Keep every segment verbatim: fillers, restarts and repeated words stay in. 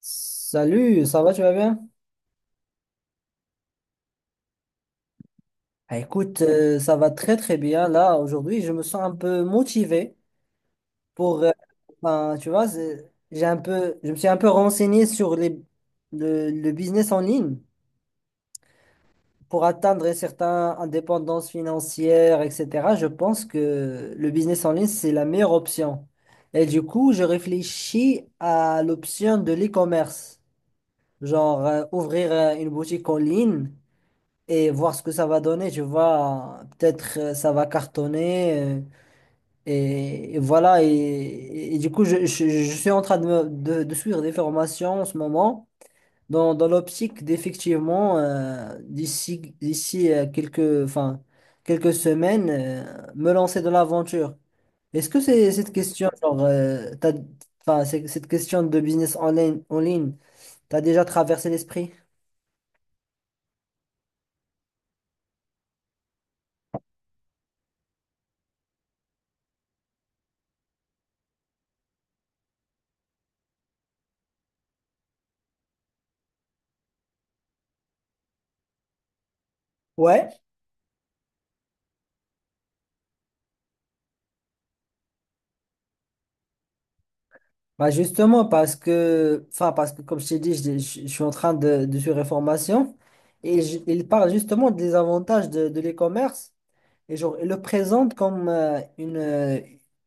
Salut, ça va, tu vas bien? Ah, écoute, euh, ça va très très bien. Là, aujourd'hui, je me sens un peu motivé pour, euh, ben, tu vois, c'est- j'ai un peu, je me suis un peu renseigné sur les, le, le business en ligne pour atteindre une certaines indépendances financières, et cetera. Je pense que le business en ligne, c'est la meilleure option. Et du coup, je réfléchis à l'option de l'e-commerce, genre euh, ouvrir euh, une boutique en ligne et voir ce que ça va donner, tu vois. Peut-être euh, ça va cartonner. euh, et, et voilà. Et, et- et du coup, je, je- je suis en train de, me- de, de suivre des formations en ce moment, dans, dans l'optique d'effectivement, euh, d'ici, d'ici euh, quelques, enfin, quelques semaines, euh, me lancer dans l'aventure. Est-ce que c'est cette question, genre, euh, t'as- enfin, c'est- cette question de business en ligne, en ligne, t'as déjà traversé l'esprit? Ouais. Bah justement, parce que, enfin, parce que comme je t'ai dit, je, je- je suis en train de, de suivre une formation et je- il parle justement des avantages de, de l'e-commerce et genre, il le présente comme euh, une, euh,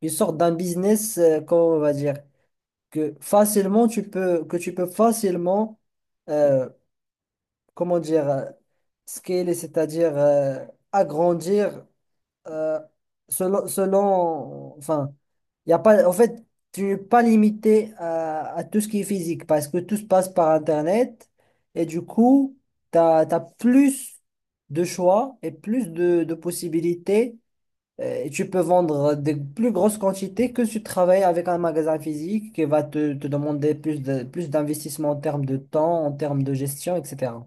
une sorte d'un business, euh, comment on va dire, que facilement tu peux, que tu peux facilement, euh, comment dire, euh, scaler, c'est-à-dire euh, agrandir euh, selon, selon, enfin, il y a pas, en fait, tu n'es pas limité à, à tout ce qui est physique parce que tout se passe par Internet et du coup, tu as, plus de choix et plus de, de possibilités euh, et tu peux vendre des plus grosses quantités que si tu travailles avec un magasin physique qui va te, te demander plus de, plus d'investissement en termes de temps, en termes de gestion, et cetera.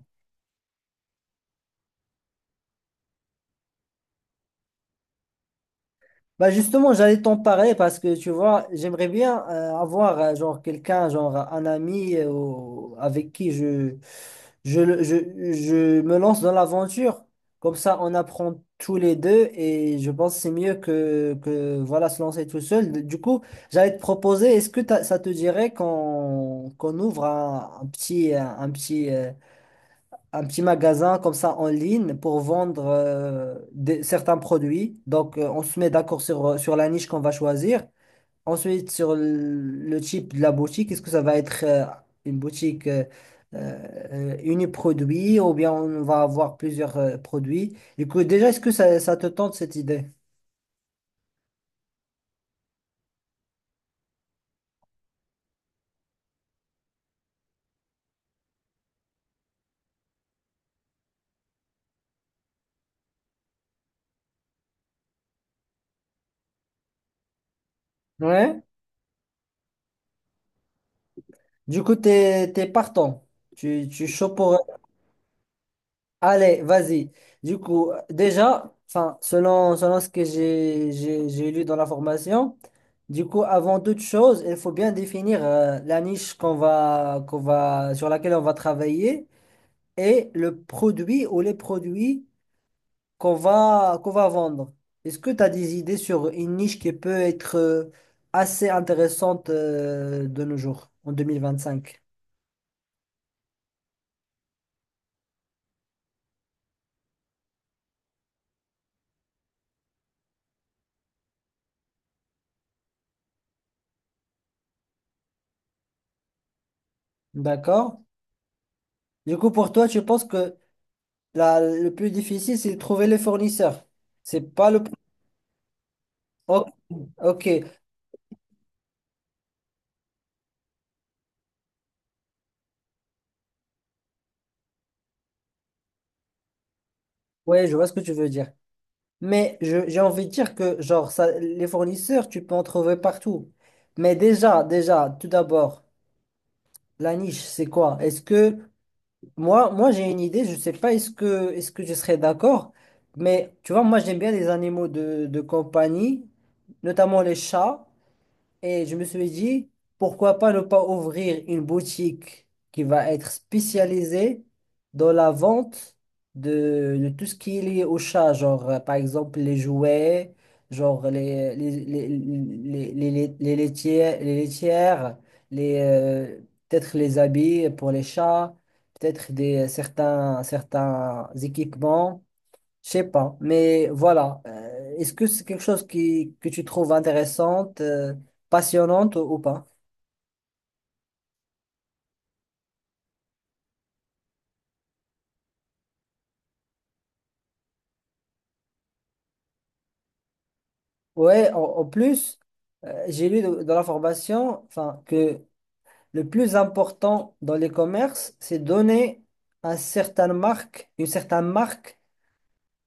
Bah justement, j'allais t'en parler parce que tu vois, j'aimerais bien euh, avoir euh, genre quelqu'un, genre un ami euh, ou- avec qui je, je, le- je, je me lance dans l'aventure. Comme ça, on apprend tous les deux et je pense que c'est mieux que, que voilà, se lancer tout seul. Du coup, j'allais te proposer, est-ce que t'as- ça te dirait qu'on qu'on ouvre un, un petit, un, petit euh, un petit magasin comme ça en ligne pour vendre euh, des- certains produits. Donc, euh, on se met d'accord sur, euh, sur la niche qu'on va choisir. Ensuite, sur le le type de la boutique, est-ce que ça va être euh, une boutique euh, euh, uniproduit ou bien on va avoir plusieurs euh, produits? Du coup, déjà, est-ce que ça, ça te tente cette idée? Ouais. Du coup, t'es, t'es partant. Tu, tu es chaud pour. Allez, vas-y. Du coup, déjà, enfin, selon, selon ce que j'ai, j'ai, j'ai lu dans la formation, du coup, avant toute chose, il faut bien définir euh, la niche qu'on va, qu'on va, sur laquelle on va travailler et le produit ou les produits qu'on va, qu'on va vendre. Est-ce que tu as des idées sur une niche qui peut être euh, assez intéressante euh, de nos jours, en deux mille vingt-cinq? D'accord? Du coup, pour toi, tu penses que La- le plus difficile, c'est de trouver les fournisseurs. C'est pas le... Ok, ok. Ouais, je vois ce que tu veux dire. Mais je- j'ai envie de dire que, genre, ça, les fournisseurs, tu peux en trouver partout. Mais déjà, déjà, tout d'abord, la niche, c'est quoi? Est-ce que... Moi, moi j'ai une idée, je sais pas est-ce que, est-ce que je serais d'accord, mais tu vois, moi, j'aime bien les animaux de, de compagnie, notamment les chats. Et je me suis dit, pourquoi pas ne pas ouvrir une boutique qui va être spécialisée dans la vente de, de tout ce qui est lié au chat, genre euh, par exemple les jouets, genre les, les, les, les, les, les- les laitières, les laitières, les, euh, peut-être les habits pour les chats, peut-être des euh, certains, certains équipements. Je sais pas, mais voilà. Euh, est-ce que c'est quelque chose qui, que tu trouves intéressante, euh, passionnante ou, ou pas? Ouais, en, en plus, euh, j'ai lu de- dans la formation, enfin, que le plus important dans les commerces, c'est donner un certain marque, une certaine marque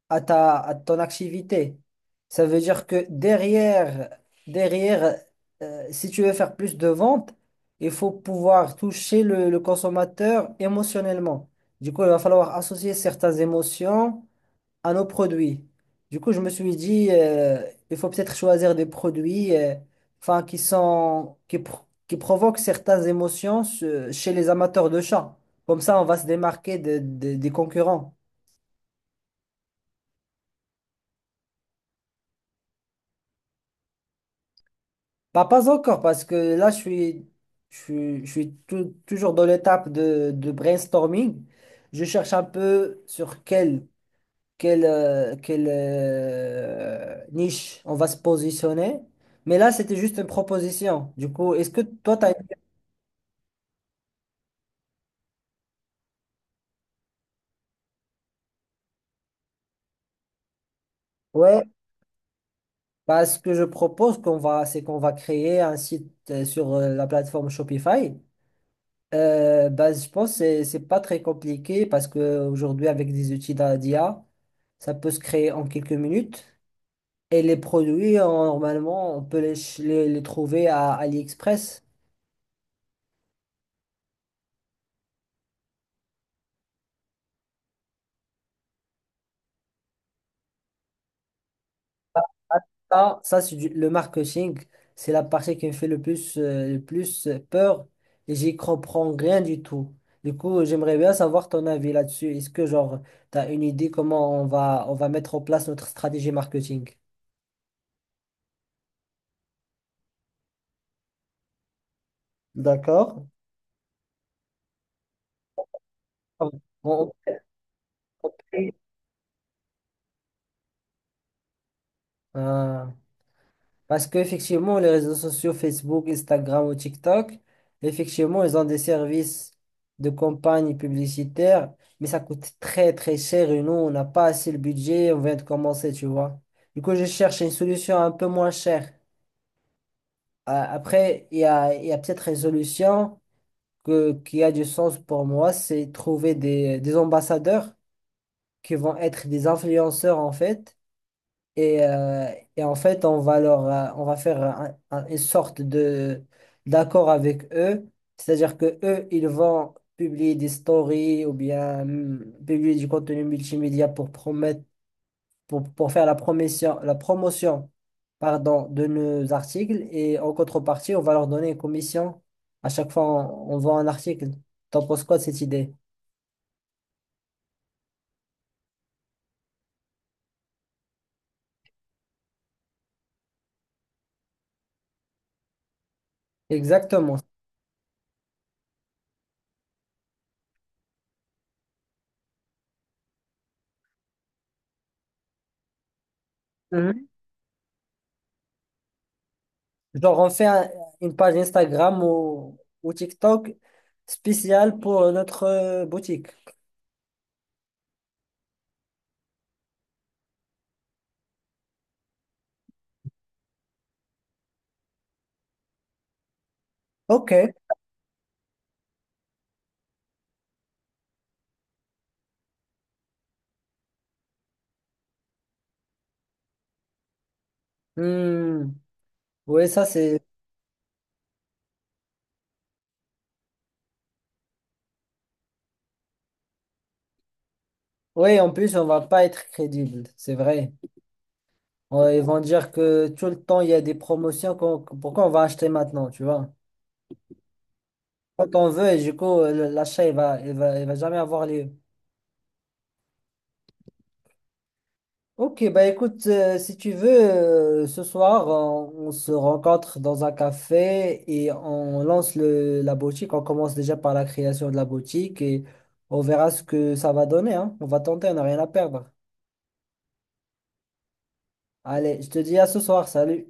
à ta, à ton activité. Ça veut dire que derrière, derrière, euh, si tu veux faire plus de ventes, il faut pouvoir toucher le, le consommateur émotionnellement. Du coup, il va falloir associer certaines émotions à nos produits. Du coup, je me suis dit, euh, il faut peut-être choisir des produits, euh, enfin, qui sont, qui, pro- qui provoquent certaines émotions euh, chez les amateurs de chats. Comme ça, on va se démarquer de- de- des concurrents. Bah, pas encore, parce que là, je suis, je suis, je suis tou- toujours dans l'étape de, de brainstorming. Je cherche un peu sur quelle, quelle, euh, quelle euh, niche on va se positionner. Mais là, c'était juste une proposition. Du coup, est-ce que toi, tu as... Ouais, bah, ce que je propose qu'on va, c'est qu'on va créer un site euh, sur euh, la plateforme Shopify. Euh, bah, je pense que c'est c'est pas très compliqué parce que aujourd'hui avec des outils d'A- d'I A, ça peut se créer en quelques minutes. Et les produits, euh, normalement, on peut les, ch- les, les trouver à AliExpress. Ça, ça c'est du- le marketing. C'est la partie qui me fait le plus, euh, le plus peur et j'y comprends rien du tout. Du coup, j'aimerais bien savoir ton avis là-dessus. Est-ce que, genre, tu as une idée comment on va, on va mettre en place notre stratégie marketing? D'accord. On- on- ah, parce qu'effectivement, les réseaux sociaux, Facebook, Instagram ou TikTok, effectivement, ils ont des services de campagne publicitaire, mais ça coûte très très cher et nous, on n'a pas assez le budget, on vient de commencer, tu vois. Du coup, je cherche une solution un peu moins chère. Ah, après, il y a, il y a peut-être une solution que, qui a du sens pour moi, c'est trouver des, des ambassadeurs qui vont être des influenceurs en fait. Et, euh, et en fait, on va leur, euh, on va faire un- un- une sorte de d'accord avec eux. C'est-à-dire que eux, ils vont publier des stories ou bien hum, publier du contenu multimédia pour promettre, pour, pour faire la promotion, la promotion, pardon, de nos articles. Et en contrepartie, on va leur donner une commission. À chaque fois, on, on vend un article. T'en penses quoi de cette idée? Exactement. Genre, on fait un- une page Instagram ou, ou TikTok spéciale pour notre euh, boutique. Ok. Hmm. Oui, ça c'est. Oui, en plus, on va pas être crédible, c'est vrai. Ouais, ils vont dire que tout le temps, il y a des promotions. qu'on- Pourquoi on va acheter maintenant, tu vois? Quand on veut, et du coup, euh, le- l'achat, il va, il va, il va jamais avoir lieu. Ok, bah écoute, euh, si tu veux, euh, ce soir, on, on se rencontre dans un café et on lance le, la boutique. On commence déjà par la création de la boutique et on verra ce que ça va donner, hein. On va tenter, on n'a rien à perdre. Allez, je te dis à ce soir, salut.